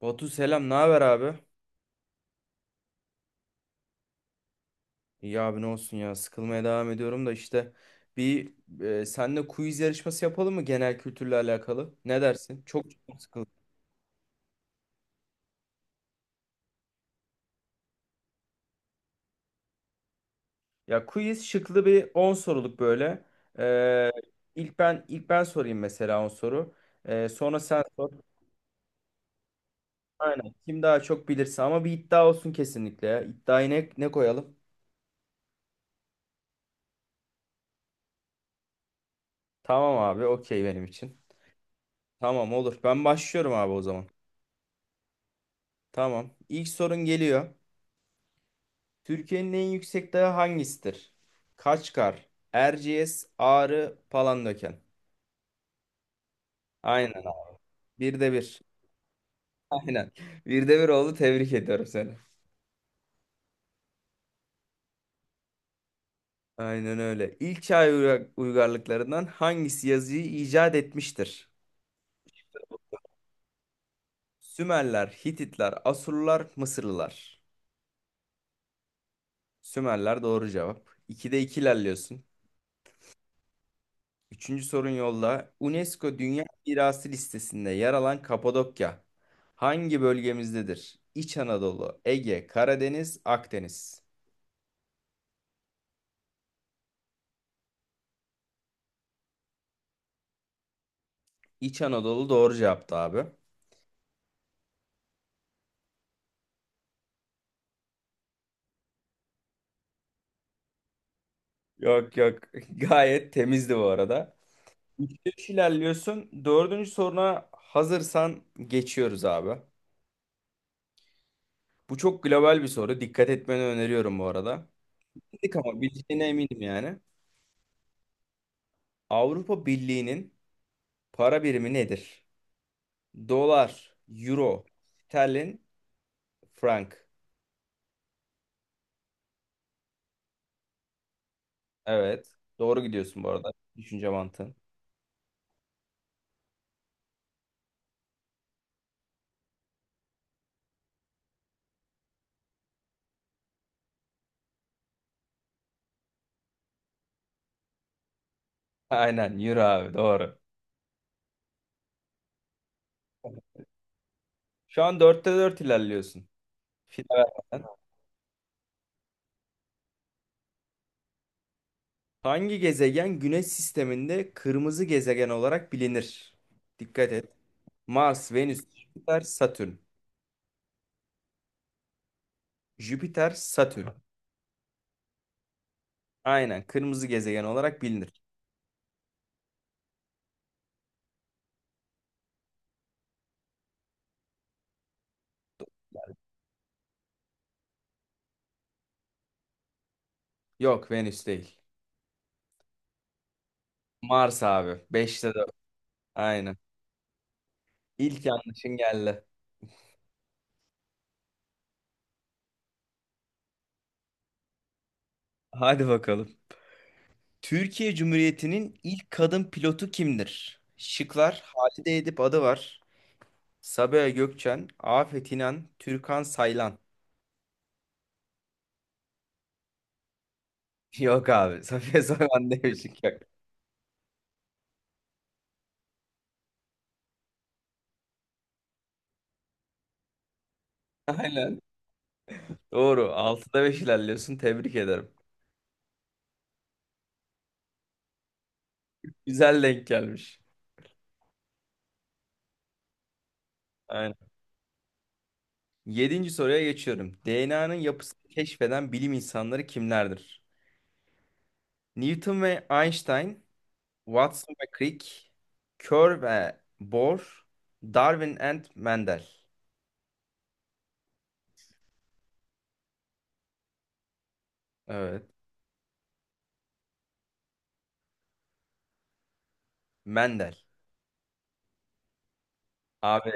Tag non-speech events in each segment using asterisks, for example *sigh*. Batu selam, ne haber abi? İyi abi ne olsun ya, sıkılmaya devam ediyorum da işte bir seninle quiz yarışması yapalım mı genel kültürle alakalı? Ne dersin? Çok çok sıkıldım. Ya quiz şıklı bir 10 soruluk böyle. Ee, ilk ben ilk ben sorayım mesela 10 soru. Sonra sen sor. Aynen. Kim daha çok bilirse ama bir iddia olsun kesinlikle ya. İddiayı ne koyalım? Tamam abi, okey benim için. Tamam olur. Ben başlıyorum abi o zaman. Tamam. İlk sorun geliyor. Türkiye'nin en yüksek dağı hangisidir? Kaçkar, Erciyes, Ağrı, Palandöken. Aynen. Bir de bir. *laughs* Aynen. Bir de bir oldu. Tebrik ediyorum seni. Aynen öyle. İlk çağ uygarlıklarından hangisi yazıyı icat etmiştir? Sümerler, Hititler, Asurlular, Mısırlılar. Sümerler doğru cevap. İkide iki ilerliyorsun. Üçüncü sorun yolla. UNESCO Dünya Mirası listesinde yer alan Kapadokya hangi bölgemizdedir? İç Anadolu, Ege, Karadeniz, Akdeniz. İç Anadolu doğru cevaptı abi. Yok yok, *laughs* gayet temizdi bu arada. 3 ilerliyorsun. Dördüncü soruna hazırsan geçiyoruz abi. Bu çok global bir soru. Dikkat etmeni öneriyorum bu arada. Bildik ama bildiğine eminim yani. Avrupa Birliği'nin para birimi nedir? Dolar, euro, sterlin, frank. Evet. Doğru gidiyorsun bu arada. Düşünce mantığın. *laughs* Aynen euro abi doğru. Şu an dörtte 4 ilerliyorsun. File vermeden. Hangi gezegen Güneş sisteminde kırmızı gezegen olarak bilinir? Dikkat et. Mars, Venüs, Jüpiter, Satürn. Jüpiter, Satürn. Aynen kırmızı gezegen olarak bilinir. Yok Venüs değil. Mars abi. Beşte 4. Aynen. İlk yanlışın geldi. Hadi bakalım. Türkiye Cumhuriyeti'nin ilk kadın pilotu kimdir? Şıklar Halide Edip adı var. Sabiha Gökçen, Afet İnan, Türkan Saylan. *laughs* Yok abi. Safiye Soyman demişik yok. *laughs* Aynen. Doğru. Altıda 5 ilerliyorsun. Tebrik ederim. Güzel denk gelmiş. Aynen. Yedinci soruya geçiyorum. DNA'nın yapısını keşfeden bilim insanları kimlerdir? Newton ve Einstein, Watson ve Crick, Kerr ve Bohr, Darwin and Mendel. Evet. Mendel. Abi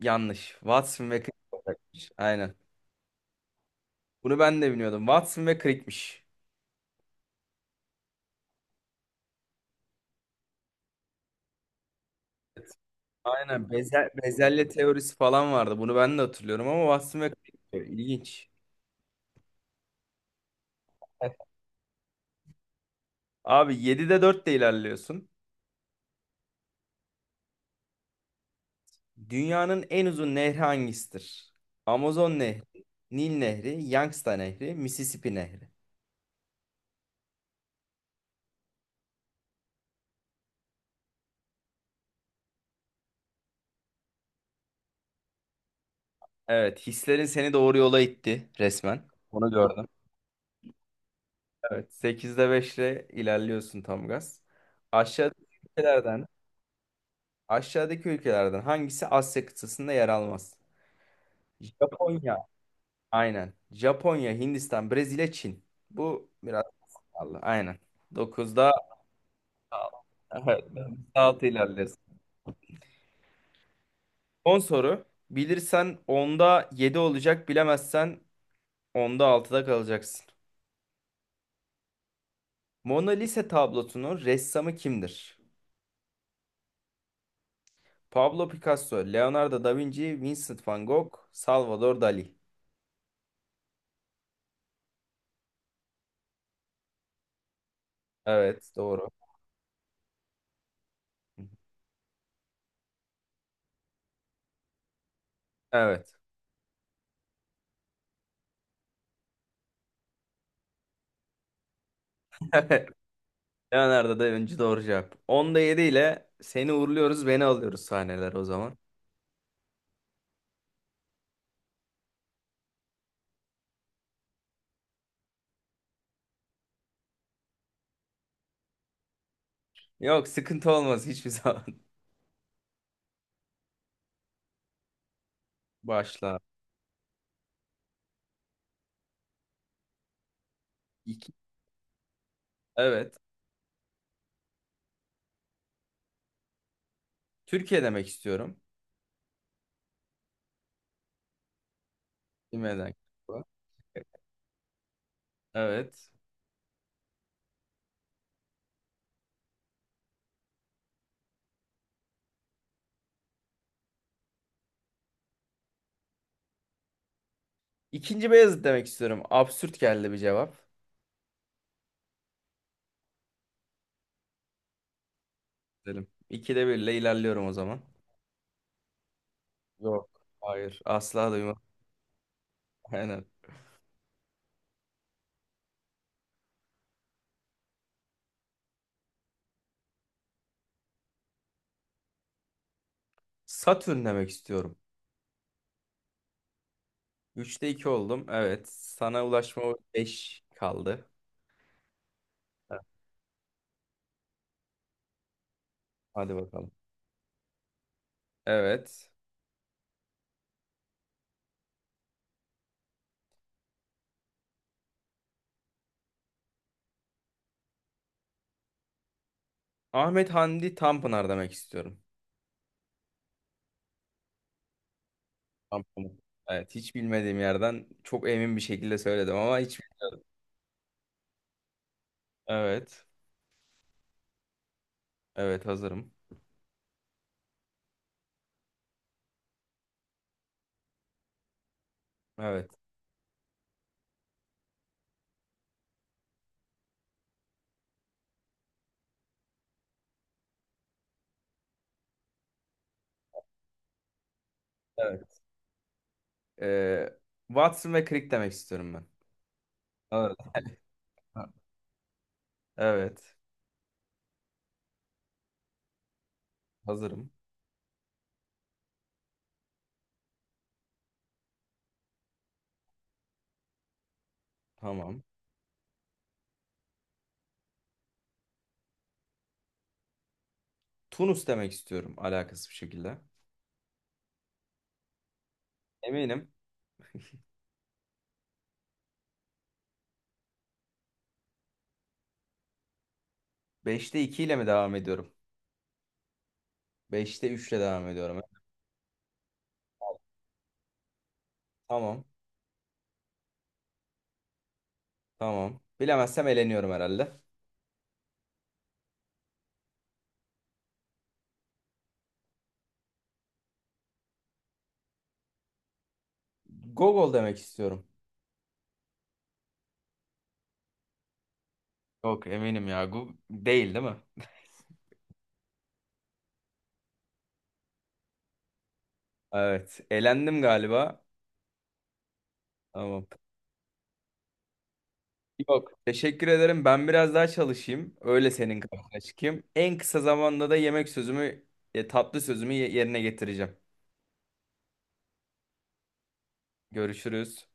yanlış. Watson ve Crick olacakmış. Aynen. Bunu ben de bilmiyordum. Watson ve Crick'miş. Evet. Aynen. Bezelye teorisi falan vardı. Bunu ben de hatırlıyorum ama Watson ve Crick. İlginç. Abi 7'de 4 de ilerliyorsun. Dünyanın en uzun nehri hangisidir? Amazon Nehri, Nil Nehri, Yangtze Nehri, Mississippi Nehri. Evet, hislerin seni doğru yola itti resmen. Onu gördüm. Evet, sekizde 5'le ilerliyorsun tam gaz. Aşağıdaki ülkelerden Aşağıdaki ülkelerden hangisi Asya kıtasında yer almaz? Japonya. Aynen. Japonya, Hindistan, Brezilya, Çin. Bu biraz pahalı. Aynen. Dokuzda altı ilerleriz. Son soru. Bilirsen onda 7 olacak, bilemezsen onda altıda kalacaksın. Mona Lisa tablosunun ressamı kimdir? Pablo Picasso, Leonardo da Vinci, Vincent van Gogh, Salvador Dali. Evet, doğru. Evet. *laughs* Leonardo da Vinci doğru cevap. 10'da 7 ile seni uğurluyoruz, beni alıyoruz sahneler o zaman. Yok sıkıntı olmaz hiçbir zaman. *laughs* Başla. İki. Evet. Türkiye demek istiyorum. Bilmeden. Evet. İkinci Beyazıt demek istiyorum. Absürt geldi bir cevap. Dedim. İkide bir ile ilerliyorum o zaman. Yok. Hayır. Asla duymam. *laughs* Aynen. Satürn demek istiyorum. Üçte iki oldum. Evet. Sana ulaşma 5 kaldı. Evet, hadi bakalım. Evet. Ahmet Hamdi Tanpınar demek istiyorum. Tanpınar. Evet, hiç bilmediğim yerden çok emin bir şekilde söyledim ama hiç... Evet, evet hazırım. Evet, evet. Ee, Watson ve Crick demek istiyorum ben. Evet. Ha. Evet, hazırım. Tamam. Tunus demek istiyorum alakasız bir şekilde. Eminim. Beşte iki ile mi devam ediyorum? Beşte 3 ile devam ediyorum. Evet. Tamam, tamam. Bilemezsem eleniyorum herhalde. Gogol demek istiyorum. Yok eminim ya. Değil mi? Evet. Elendim galiba. Tamam. Yok. Teşekkür ederim. Ben biraz daha çalışayım. Öyle senin karşına çıkayım. En kısa zamanda da yemek sözümü, tatlı sözümü yerine getireceğim. Görüşürüz.